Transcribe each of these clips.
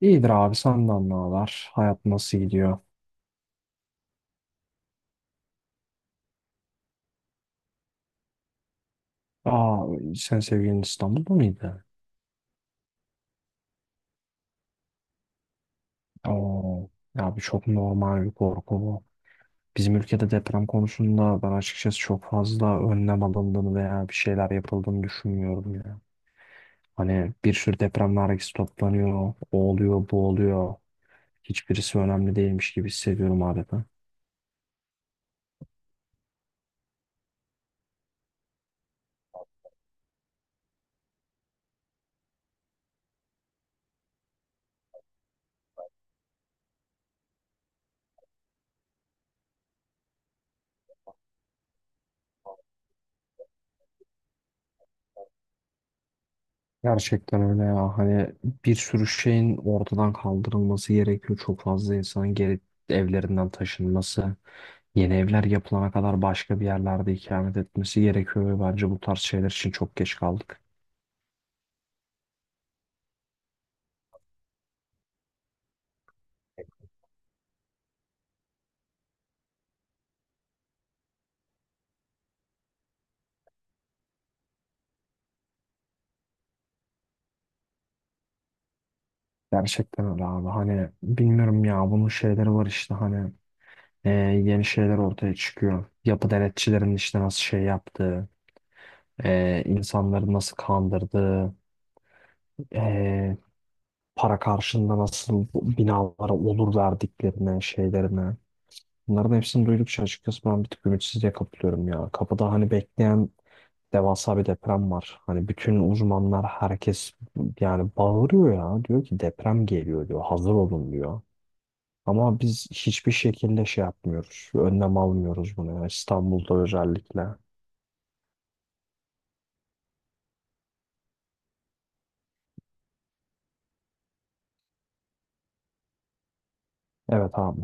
İyidir abi, senden ne haber? Hayat nasıl gidiyor? Aa, sen sevgilin İstanbul'da mıydı? Oo, ya bu çok normal bir korku bu. Bizim ülkede deprem konusunda ben açıkçası çok fazla önlem alındığını veya bir şeyler yapıldığını düşünmüyorum ya. Hani bir sürü deprem vergisi toplanıyor, o oluyor, bu oluyor. Hiçbirisi önemli değilmiş gibi hissediyorum adeta. Gerçekten öyle ya. Hani bir sürü şeyin ortadan kaldırılması gerekiyor. Çok fazla insanın geri evlerinden taşınması, yeni evler yapılana kadar başka bir yerlerde ikamet etmesi gerekiyor ve bence bu tarz şeyler için çok geç kaldık. Gerçekten öyle abi. Hani bilmiyorum ya, bunun şeyleri var işte hani e, yeni şeyler ortaya çıkıyor. Yapı denetçilerin işte nasıl şey yaptığı, insanları nasıl kandırdığı, e, para karşılığında nasıl bu binalara olur verdiklerine, şeylerine. Bunların hepsini duydukça açıkçası ben bir tık ümitsizliğe kapılıyorum ya. Kapıda hani bekleyen devasa bir deprem var. Hani bütün uzmanlar, herkes yani bağırıyor ya. Diyor ki deprem geliyor diyor. Hazır olun diyor. Ama biz hiçbir şekilde şey yapmıyoruz. Önlem almıyoruz bunu, yani İstanbul'da özellikle. Evet abi.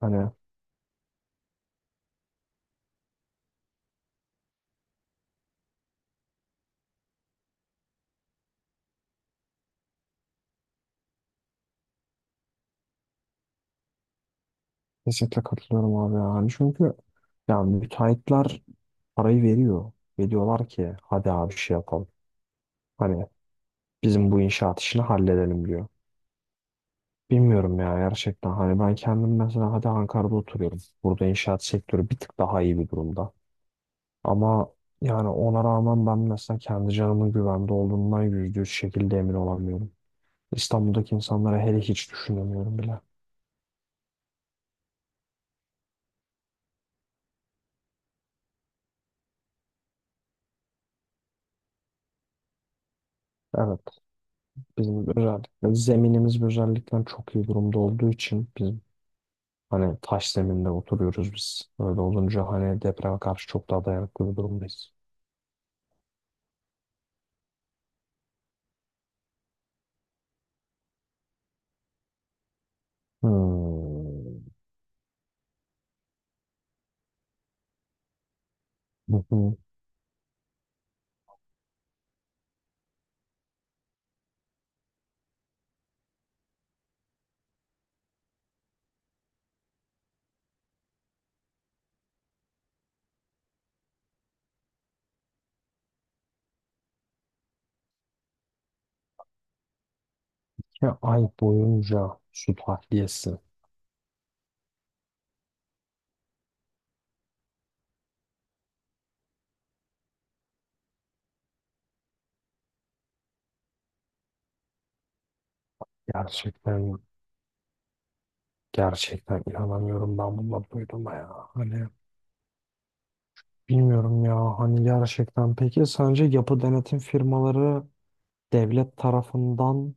Hani kesinlikle katılıyorum abi yani. Çünkü yani müteahhitler parayı veriyor. Ve diyorlar ki hadi abi şey yapalım. Hani bizim bu inşaat işini halledelim diyor. Bilmiyorum ya gerçekten. Hani ben kendim mesela, hadi Ankara'da oturuyorum. Burada inşaat sektörü bir tık daha iyi bir durumda. Ama yani ona rağmen ben mesela kendi canımın güvende olduğundan %100 şekilde emin olamıyorum. İstanbul'daki insanlara hele hiç düşünemiyorum bile. Evet, bizim özellikle zeminimiz özellikle çok iyi durumda olduğu için bizim hani taş zeminde oturuyoruz biz. Öyle olunca hani depreme karşı çok daha dayanıklı bir durumdayız. Hmm. Hı hı. Ya ay boyunca su tahliyesi. Gerçekten, gerçekten inanamıyorum ben bununla duyduğuma ya. Hani bilmiyorum ya hani gerçekten. Peki sence yapı denetim firmaları devlet tarafından,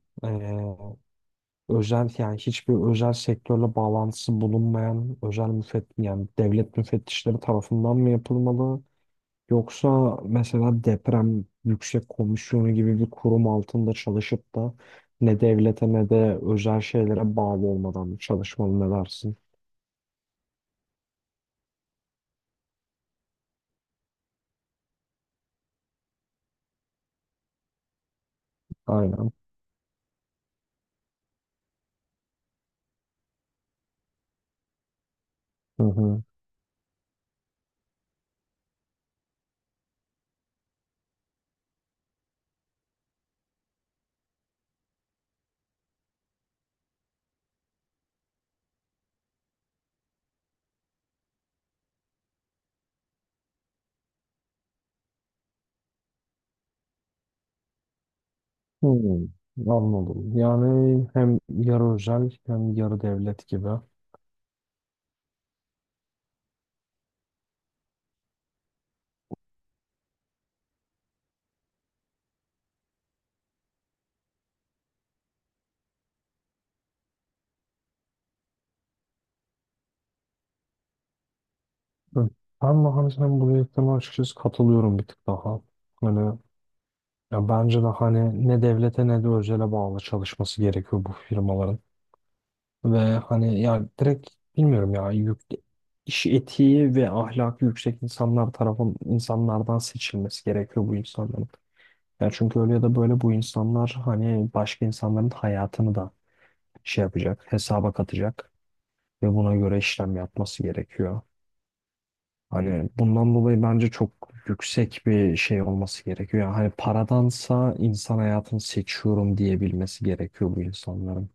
özel yani hiçbir özel sektörle bağlantısı bulunmayan özel müfett, yani devlet müfettişleri tarafından mı yapılmalı? Yoksa mesela deprem yüksek komisyonu gibi bir kurum altında çalışıp da ne devlete ne de özel şeylere bağlı olmadan mı çalışmalı, ne dersin? Aynen. Hı hı. Hmm, anladım. Yani hem yarı özel hem yarı devlet gibi. Hı. Ben de hani sen bu dediklerine açıkçası katılıyorum bir tık daha. Hani ya bence de hani ne devlete ne de özele bağlı çalışması gerekiyor bu firmaların. Ve hani ya direkt, bilmiyorum ya, yük, iş etiği ve ahlakı yüksek insanlar tarafın, insanlardan seçilmesi gerekiyor bu insanların. Ya çünkü öyle ya da böyle bu insanlar hani başka insanların hayatını da şey yapacak, hesaba katacak ve buna göre işlem yapması gerekiyor. Hani bundan dolayı bence çok yüksek bir şey olması gerekiyor. Yani hani paradansa insan hayatını seçiyorum diyebilmesi gerekiyor bu insanların.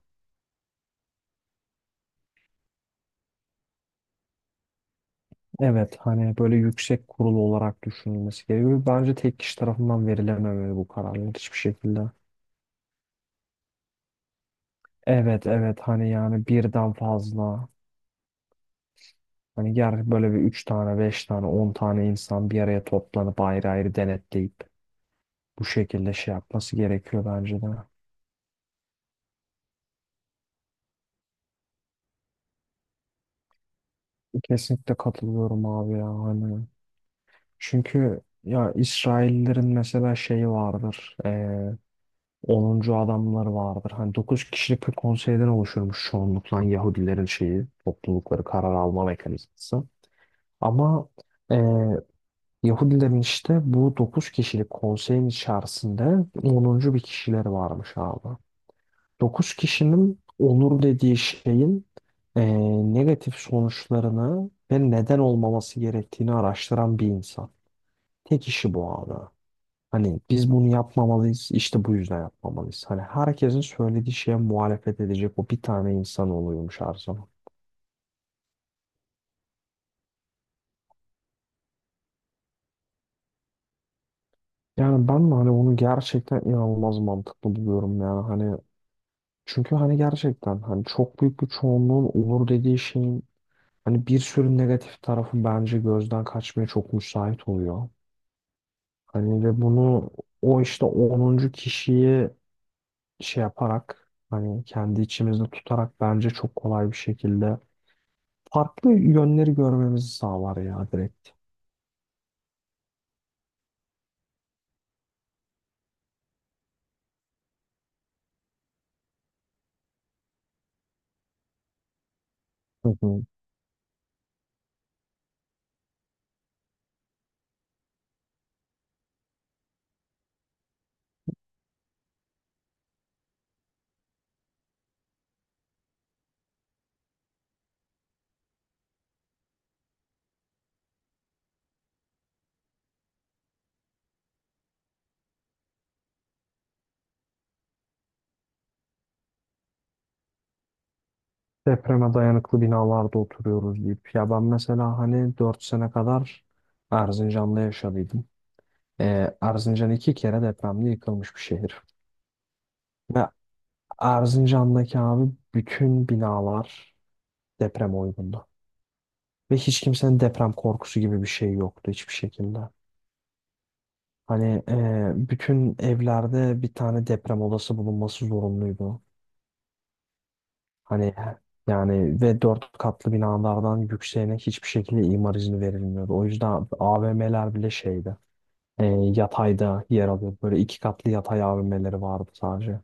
Evet, hani böyle yüksek kurulu olarak düşünülmesi gerekiyor. Bence tek kişi tarafından verilememeli bu kararlar hiçbir şekilde. Evet, evet, hani yani birden fazla hani ger böyle bir 3 tane, 5 tane, 10 tane insan bir araya toplanıp ayrı ayrı denetleyip bu şekilde şey yapması gerekiyor bence de. Kesinlikle katılıyorum abi ya hani. Çünkü ya İsraillerin mesela şeyi vardır. 10. adamları vardır. Hani 9 kişilik bir konseyden oluşurmuş çoğunlukla Yahudilerin şeyi, toplulukları, karar alma mekanizması. Ama eee, Yahudilerin işte bu 9 kişilik konseyin içerisinde onuncu bir kişileri varmış abi. 9 kişinin onur dediği şeyin eee, negatif sonuçlarını ve neden olmaması gerektiğini araştıran bir insan. Tek işi bu abi. Hani biz bunu yapmamalıyız, işte bu yüzden yapmamalıyız. Hani herkesin söylediği şeye muhalefet edecek o bir tane insan oluyormuş her zaman. Yani ben de hani onu gerçekten inanılmaz mantıklı buluyorum yani hani, çünkü hani gerçekten hani çok büyük bir çoğunluğun olur dediği şeyin hani bir sürü negatif tarafı bence gözden kaçmaya çok müsait oluyor. Hani ve bunu o işte onuncu kişiyi şey yaparak hani kendi içimizde tutarak bence çok kolay bir şekilde farklı yönleri görmemizi sağlar ya direkt. Hı hı. Depreme dayanıklı binalarda oturuyoruz deyip. Ya ben mesela hani 4 sene kadar Erzincan'da yaşadıydım. Erzincan 2 kere depremde yıkılmış bir şehir. Ve Erzincan'daki abi bütün binalar deprem uygundu. Ve hiç kimsenin deprem korkusu gibi bir şey yoktu hiçbir şekilde. Hani bütün evlerde bir tane deprem odası bulunması zorunluydu. Hani yani ve 4 katlı binalardan yükseğine hiçbir şekilde imar izni verilmiyordu. O yüzden AVM'ler bile şeydi. e, Yatayda yer alıyordu. Böyle 2 katlı yatay AVM'leri vardı sadece.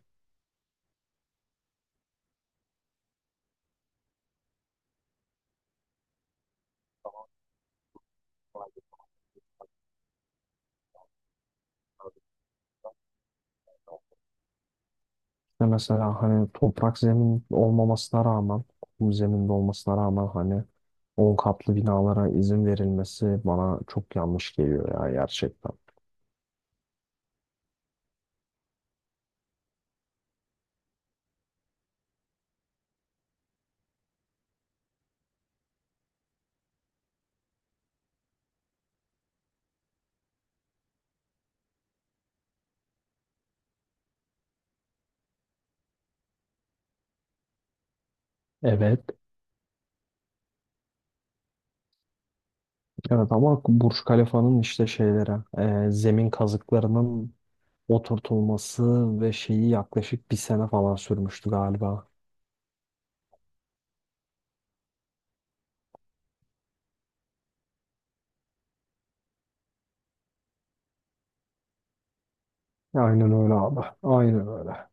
Ve mesela hani toprak zemin olmamasına rağmen, kum zeminde olmasına rağmen hani 10 katlı binalara izin verilmesi bana çok yanlış geliyor ya gerçekten. Evet. Evet ama Burj Khalifa'nın işte şeylere, zemin kazıklarının oturtulması ve şeyi yaklaşık bir sene falan sürmüştü galiba. Aynen öyle abi. Aynen öyle.